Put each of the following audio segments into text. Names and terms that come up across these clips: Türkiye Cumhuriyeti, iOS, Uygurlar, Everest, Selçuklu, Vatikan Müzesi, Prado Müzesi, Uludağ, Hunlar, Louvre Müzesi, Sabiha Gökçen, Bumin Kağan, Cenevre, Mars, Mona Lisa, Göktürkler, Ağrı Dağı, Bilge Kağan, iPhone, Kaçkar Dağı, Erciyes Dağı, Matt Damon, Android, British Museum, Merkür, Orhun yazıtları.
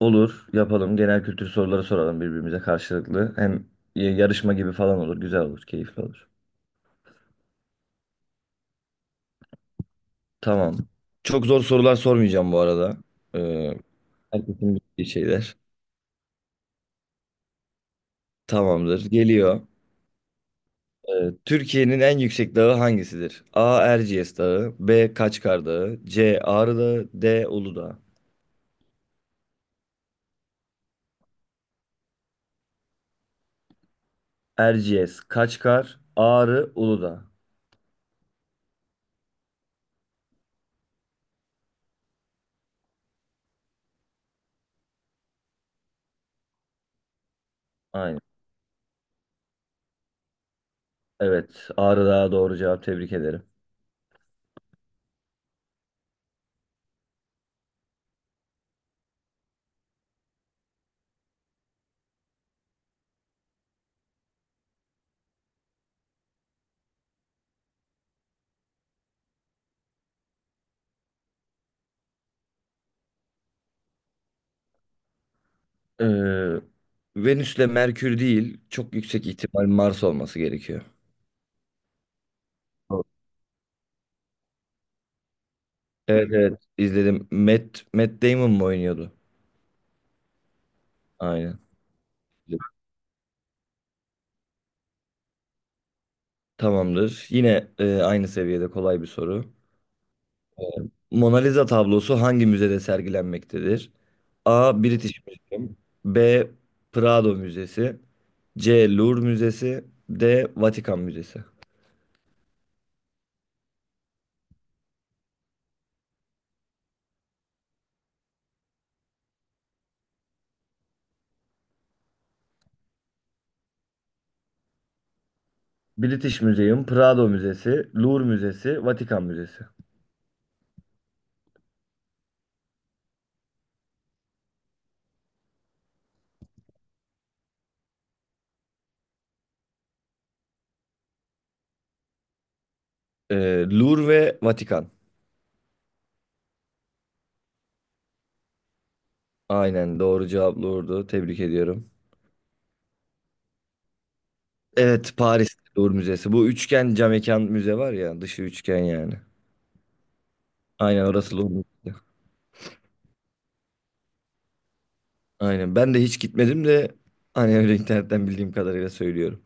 Olur, yapalım. Genel kültür soruları soralım birbirimize karşılıklı. Hem yarışma gibi falan olur. Güzel olur, keyifli olur. Tamam. Çok zor sorular sormayacağım bu arada. Ee, herkesin bildiği şeyler. Tamamdır. Geliyor. Türkiye'nin en yüksek dağı hangisidir? A. Erciyes Dağı B. Kaçkar Dağı C. Ağrı Dağı D. Uludağ. Erciyes, Kaçkar, Ağrı, Uludağ. Aynen. Evet. Ağrı Dağı doğru cevap. Tebrik ederim. Ee, Venüs'le Merkür değil, çok yüksek ihtimal Mars olması gerekiyor. Doğru. Evet evet, izledim. Matt Damon mu oynuyordu? Aynen. Tamamdır. Yine aynı seviyede kolay bir soru. Mona Lisa tablosu hangi müzede sergilenmektedir? A. British Museum B. Prado Müzesi C. Louvre Müzesi D. Vatikan Müzesi. British Museum, Prado Müzesi, Louvre Müzesi, Vatikan Müzesi. Louvre ve Vatikan. Aynen, doğru cevap Louvre'du. Tebrik ediyorum. Evet, Paris Louvre Müzesi. Bu üçgen cam mekan müze var ya, dışı üçgen yani. Aynen, orası Louvre Müzesi. Aynen, ben de hiç gitmedim de hani öyle internetten bildiğim kadarıyla söylüyorum.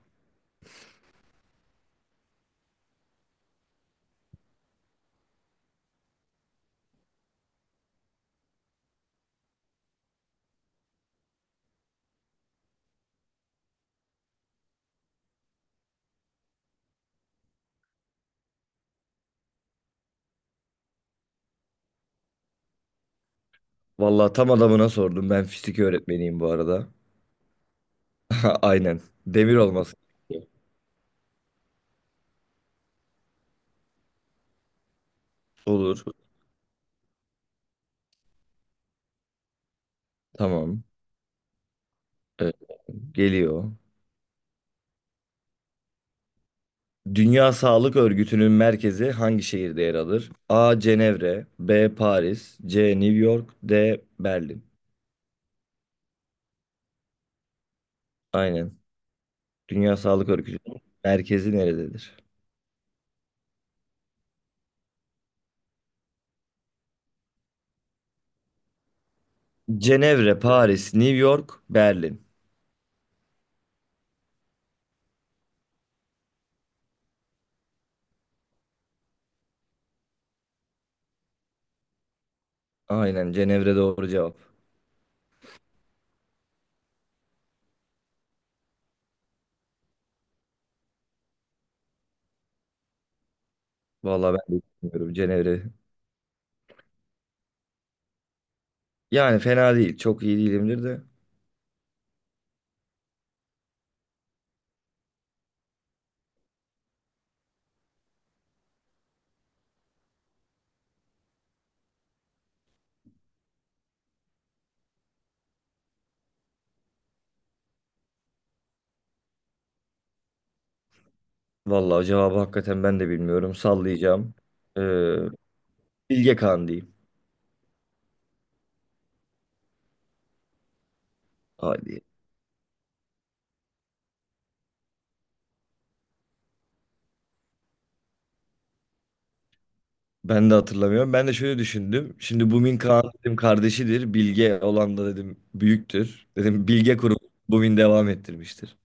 Vallahi tam adamına sordum. Ben fizik öğretmeniyim bu arada. Aynen. Demir olması gerekiyor. Olur. Tamam. Ee, geliyor. Dünya Sağlık Örgütü'nün merkezi hangi şehirde yer alır? A. Cenevre B. Paris C. New York D. Berlin. Aynen. Dünya Sağlık Örgütü'nün merkezi nerededir? Cenevre, Paris, New York, Berlin. Aynen, Cenevre doğru cevap. Vallahi ben de bilmiyorum Cenevre. Yani fena değil. Çok iyi değilimdir de. Vallahi cevabı hakikaten ben de bilmiyorum. Sallayacağım. Ee, Bilge Kağan diyeyim. Hadi. Ben de hatırlamıyorum. Ben de şöyle düşündüm. Şimdi Bumin Kağan dedim kardeşidir. Bilge olan da dedim büyüktür. Dedim Bilge kurup Bumin devam ettirmiştir.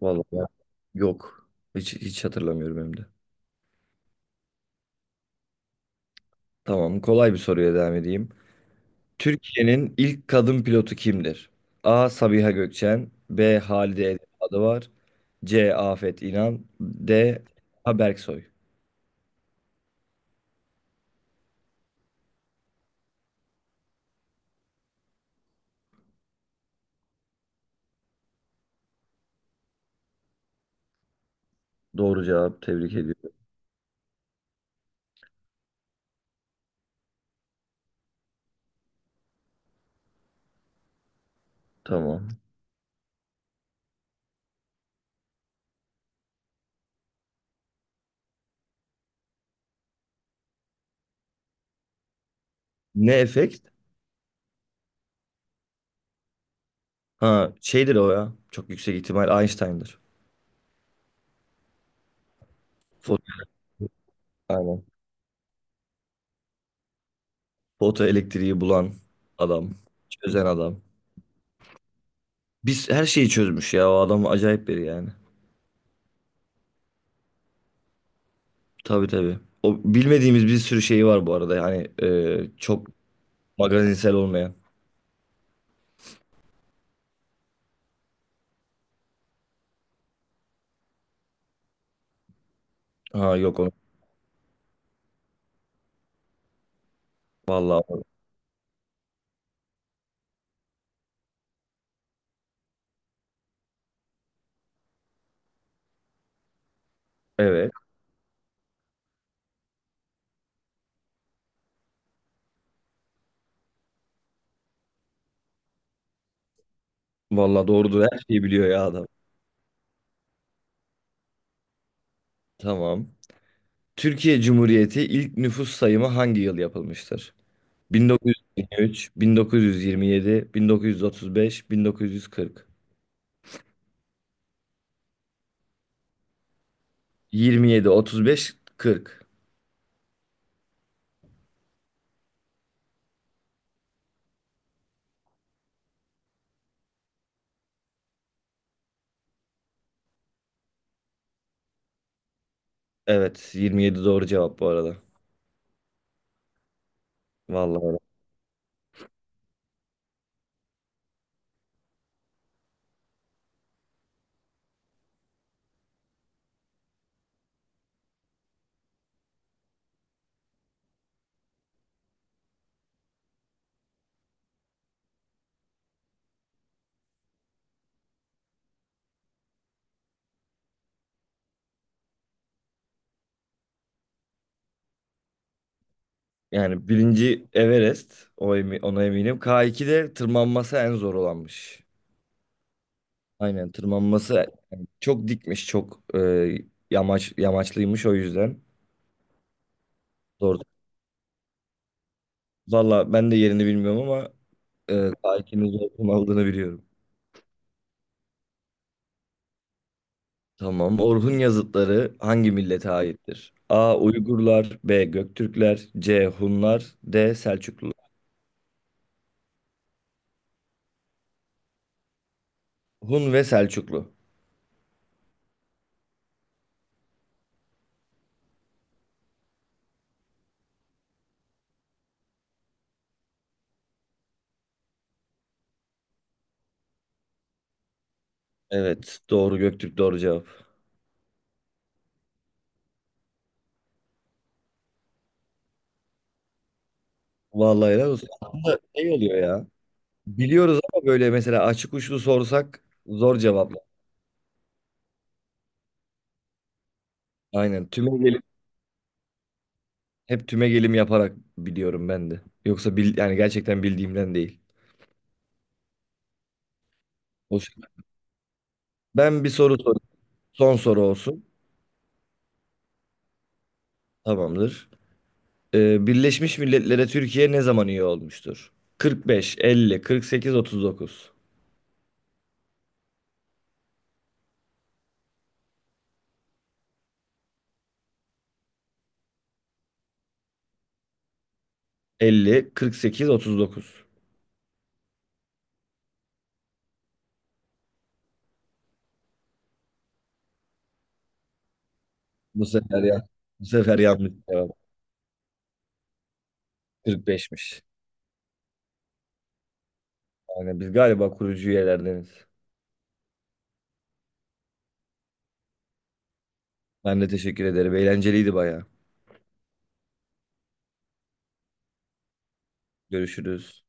Vallahi ben- yok. Hiç hatırlamıyorum hem de. Tamam, kolay bir soruya devam edeyim. Türkiye'nin ilk kadın pilotu kimdir? A. Sabiha Gökçen B. Halide Edip Adıvar C. Afet İnan D. Ha Berksoy. Doğru cevap, tebrik ediyorum. Tamam. Ne efekt? Ha, şeydir o ya. Çok yüksek ihtimal Einstein'dır. Foto, aynen. Foto elektriği bulan adam. Çözen adam. Biz her şeyi çözmüş ya. O adam acayip biri yani. Tabii tabii. O bilmediğimiz bir sürü şey var bu arada. Yani çok magazinsel olmayan. Ha yok onu. Vallahi evet. Vallahi doğrudur. Her şeyi biliyor ya adam. Tamam. Türkiye Cumhuriyeti ilk nüfus sayımı hangi yıl yapılmıştır? 1923, 1927, 1935, 1940. 27, 35, 40. Evet, 27 doğru cevap bu arada. Vallahi öyle. Yani birinci Everest, ona eminim. K2'de tırmanması en zor olanmış. Aynen, tırmanması yani çok dikmiş, çok yamaç yamaçlıymış o yüzden. Zor. Valla ben de yerini bilmiyorum ama tarihinin zor aldığını biliyorum. Tamam. Orhun yazıtları hangi millete aittir? A. Uygurlar, B. Göktürkler, C. Hunlar, D. Selçuklu. Hun ve Selçuklu. Evet, doğru, Göktürk doğru cevap. Vallahi helal olsun. Aslında şey oluyor ya. Biliyoruz ama böyle mesela açık uçlu sorsak zor cevaplar. Aynen. Tümü. Hep tümegelim yaparak biliyorum ben de. Yoksa yani gerçekten bildiğimden değil. Hoş. Ben bir soru sorayım. Son soru olsun. Tamamdır. Birleşmiş Milletler'e Türkiye ne zaman üye olmuştur? 45, 50, 48, 39. 50, 48, 39. Bu sefer ya. Bu sefer yanlış cevap. 45'miş. Yani biz galiba kurucu üyelerdeniz. Ben de teşekkür ederim. Eğlenceliydi bayağı. Görüşürüz.